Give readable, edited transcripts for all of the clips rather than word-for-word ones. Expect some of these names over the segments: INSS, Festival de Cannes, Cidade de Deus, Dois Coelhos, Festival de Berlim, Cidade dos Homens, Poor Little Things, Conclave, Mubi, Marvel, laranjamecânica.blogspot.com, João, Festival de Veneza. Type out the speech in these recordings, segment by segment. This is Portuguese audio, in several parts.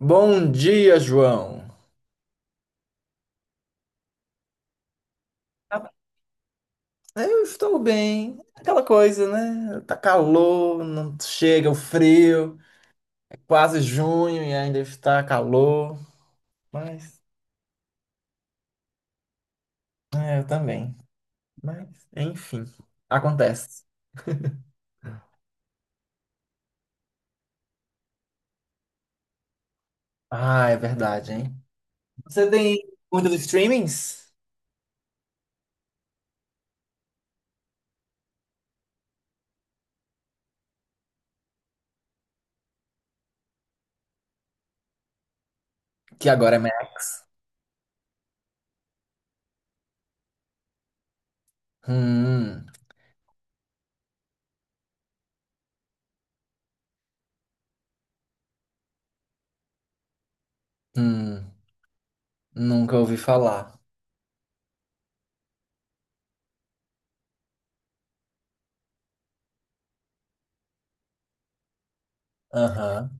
Bom dia, João. Ah, Eu estou bem. Aquela coisa, né? Tá calor, não chega o frio. É quase junho e ainda está calor. Mas, eu também. Mas, enfim, acontece. Ah, é verdade, hein? Você tem muitos streamings? Que agora é merda. Hum, hum, nunca ouvi falar. Aham.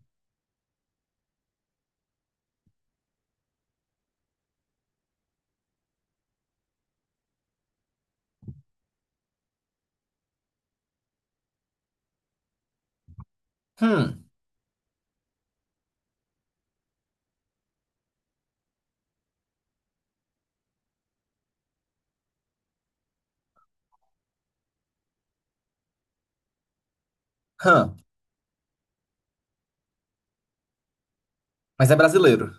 Hum, hum. Mas é brasileiro.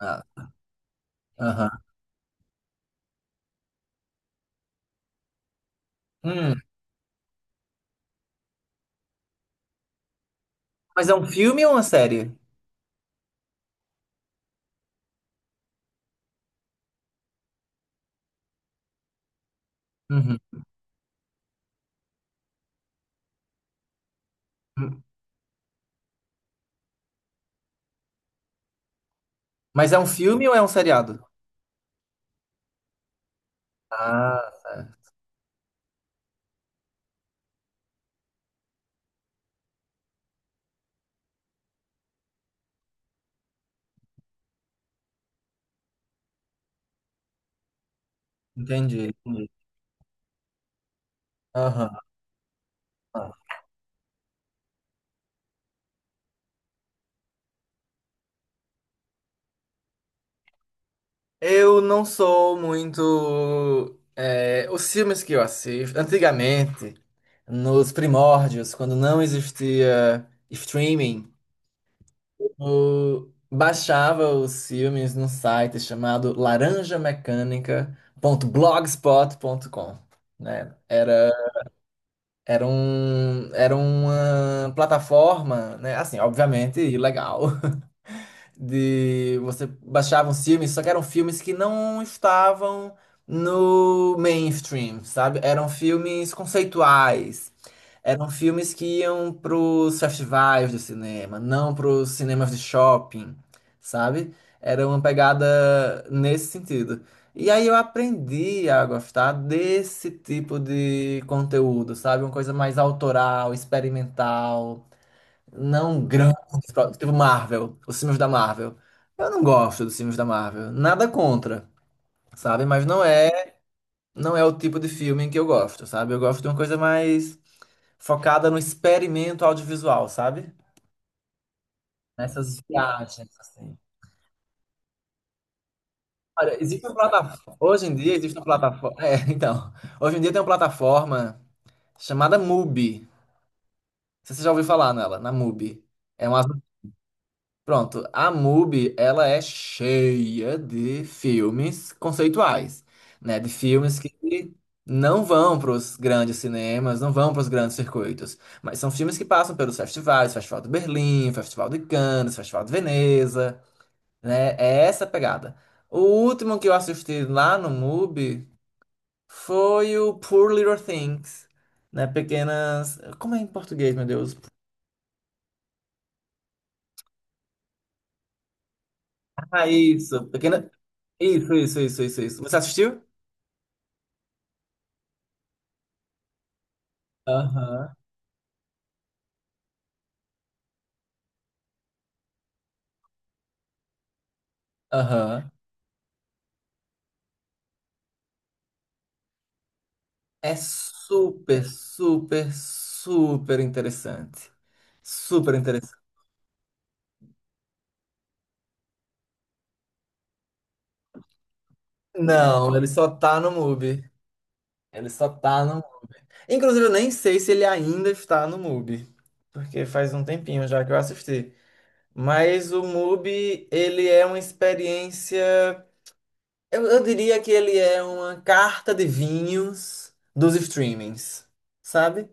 Ah, aham. Hum, mas é um filme ou uma série? Uhum. Mas é um filme ou é um seriado? Ah, tá. Entendi, entendi. Aham. Aham. Eu não sou muito. É, os filmes que eu assisto, antigamente, nos primórdios, quando não existia streaming, eu baixava os filmes num site chamado laranjamecânica.blogspot.com, né? Era uma plataforma, né? Assim, obviamente ilegal, de você baixava uns filmes, só que eram filmes que não estavam no mainstream, sabe? Eram filmes conceituais. Eram filmes que iam pros festivais de cinema, não pros cinemas de shopping, sabe? Era uma pegada nesse sentido. E aí eu aprendi a gostar desse tipo de conteúdo, sabe? Uma coisa mais autoral, experimental, não grandes, tipo Marvel, os filmes da Marvel. Eu não gosto dos filmes da Marvel, nada contra, sabe? Mas não é, não é o tipo de filme que eu gosto, sabe? Eu gosto de uma coisa mais focada no experimento audiovisual, sabe? Nessas viagens, assim. Olha, existe uma plataforma, hoje em dia existe uma plataforma, então, hoje em dia tem uma plataforma chamada Mubi. Não sei se você já ouviu falar nela, na Mubi. É uma... Pronto, a MUBI, ela é cheia de filmes conceituais, né? De filmes que não vão para os grandes cinemas, não vão para os grandes circuitos, mas são filmes que passam pelos festivais, Festival de Berlim, Festival de Cannes, Festival de Veneza, né? É essa a pegada. O último que eu assisti lá no MUBI foi o Poor Little Things, né? Pequenas... Como é em português, meu Deus? Ah, isso, pequena... Isso, isso, isso, isso, isso. Você assistiu? Aham, aham. É super, super, super interessante. Super interessante. Não, ele só tá no MUBI. Ele só tá no. Inclusive, eu nem sei se ele ainda está no MUBI, porque faz um tempinho já que eu assisti. Mas o MUBI, ele é uma experiência. Eu diria que ele é uma carta de vinhos dos streamings, sabe?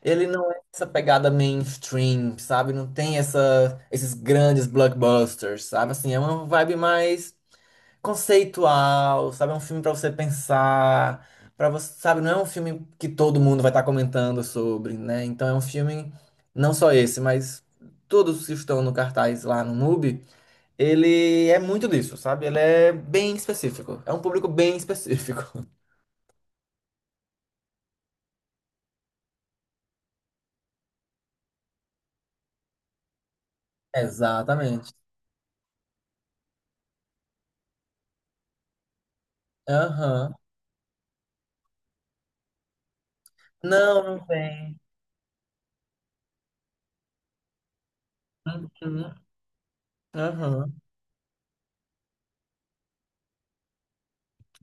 Ele não é essa pegada mainstream, sabe? Não tem essa, esses grandes blockbusters, sabe? Assim, é uma vibe mais conceitual, sabe? É um filme pra você pensar, para você, sabe? Não é um filme que todo mundo vai estar comentando sobre, né? Então é um filme, não só esse, mas todos os que estão no cartaz lá no MUBI, ele é muito disso, sabe? Ele é bem específico. É um público bem específico. Exatamente. Aham. Não, não tem. Uhum. Aham.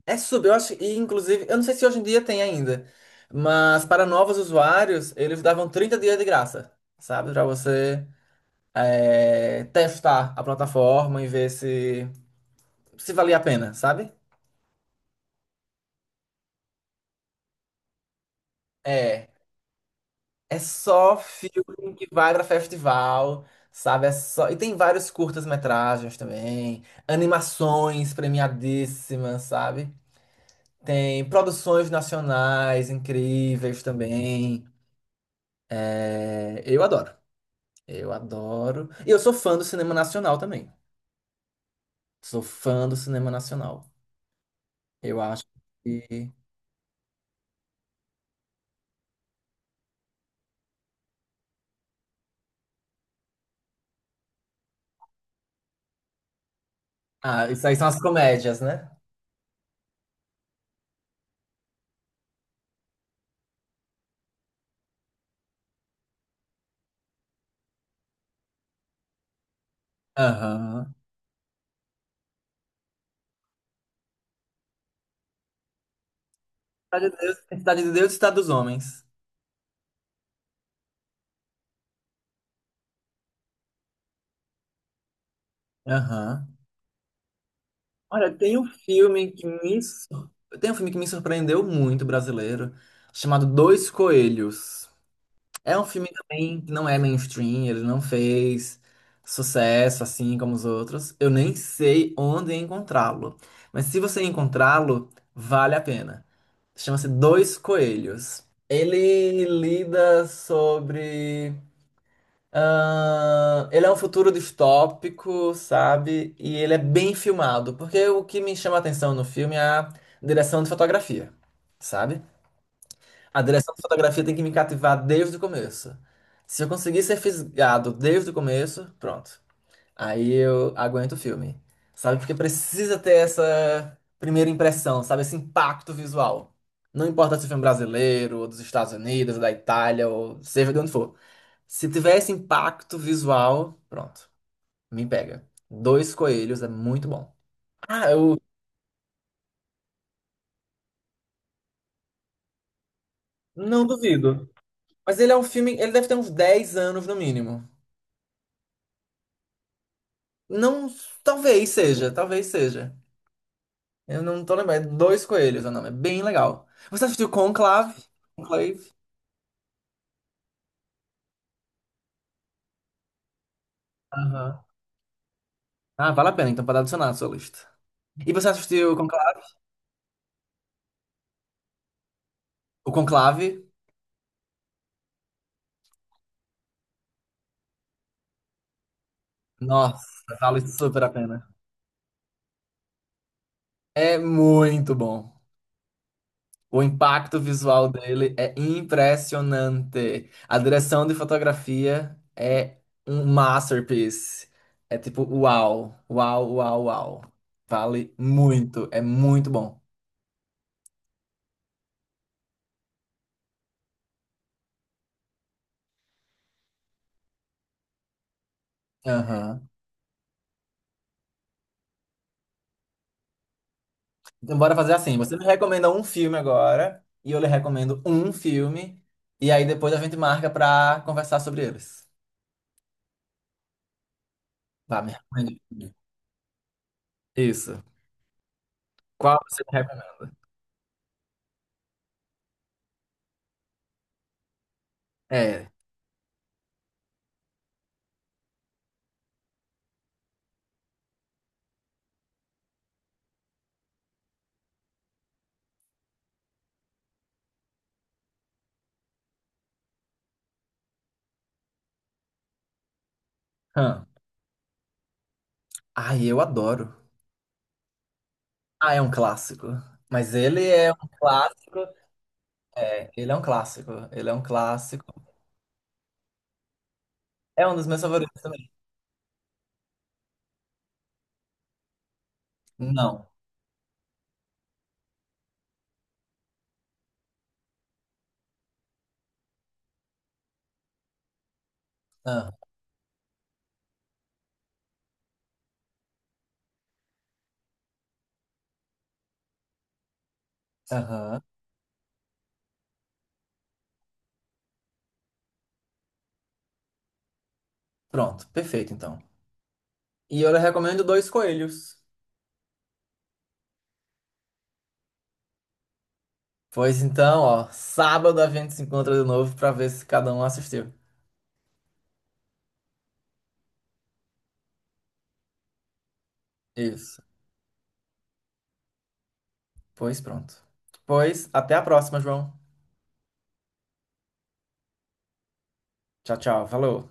É sub, eu acho, e inclusive, eu não sei se hoje em dia tem ainda, mas para novos usuários, eles davam 30 dias de graça, sabe? Para você testar a plataforma e ver se, se valia a pena, sabe? É, é só filme que vai para festival, sabe? É só, e tem vários curtas-metragens também, animações premiadíssimas, sabe? Tem produções nacionais incríveis também. É, eu adoro. Eu adoro. E eu sou fã do cinema nacional também. Sou fã do cinema nacional. Eu acho que. Ah, isso aí são as comédias, né? Aham. Cidade de Deus e Cidade dos Homens. Aham. Olha, tem um filme que me. Sur- Tem um filme que me surpreendeu muito, brasileiro, chamado Dois Coelhos. É um filme também que não é mainstream, ele não fez sucesso assim como os outros. Eu nem sei onde encontrá-lo. Mas se você encontrá-lo, vale a pena. Chama-se Dois Coelhos. Ele lida sobre. Ah, ele é um futuro distópico, sabe? E ele é bem filmado. Porque o que me chama a atenção no filme é a direção de fotografia, sabe? A direção de fotografia tem que me cativar desde o começo. Se eu conseguir ser fisgado desde o começo, pronto. Aí eu aguento o filme. Sabe? Porque precisa ter essa primeira impressão, sabe? Esse impacto visual. Não importa se o filme é brasileiro, ou dos Estados Unidos, ou da Itália, ou seja de onde for. Se tiver esse impacto visual, pronto. Me pega. Dois Coelhos é muito bom. Ah, eu não duvido. Mas ele é um filme, ele deve ter uns 10 anos no mínimo. Não, talvez seja, talvez seja. Eu não tô lembrando. É Dois Coelhos é o nome. É bem legal. Você assistiu Conclave? Conclave? Aham. Ah, vale a pena, então, para adicionar a sua lista. E você assistiu o Conclave? Nossa, vale super a pena. É muito bom. O impacto visual dele é impressionante. A direção de fotografia é um masterpiece. É tipo, uau, uau, uau, uau. Vale muito, é muito bom. Aham. Então, bora fazer assim. Você me recomenda um filme agora, e eu lhe recomendo um filme, e aí depois a gente marca pra conversar sobre eles. Tá, me recomende. Isso. Qual você me recomenda? É. Hum. Ai, eu adoro. Ah, é um clássico. Mas ele é um clássico. É, ele é um clássico. Ele é um clássico. É um dos meus favoritos também. Não. Ah, aham. Pronto, perfeito então. E eu lhe recomendo Dois Coelhos. Pois então, ó, sábado a gente se encontra de novo pra ver se cada um assistiu. Isso. Pois pronto. Pois, até a próxima, João. Tchau, tchau. Falou.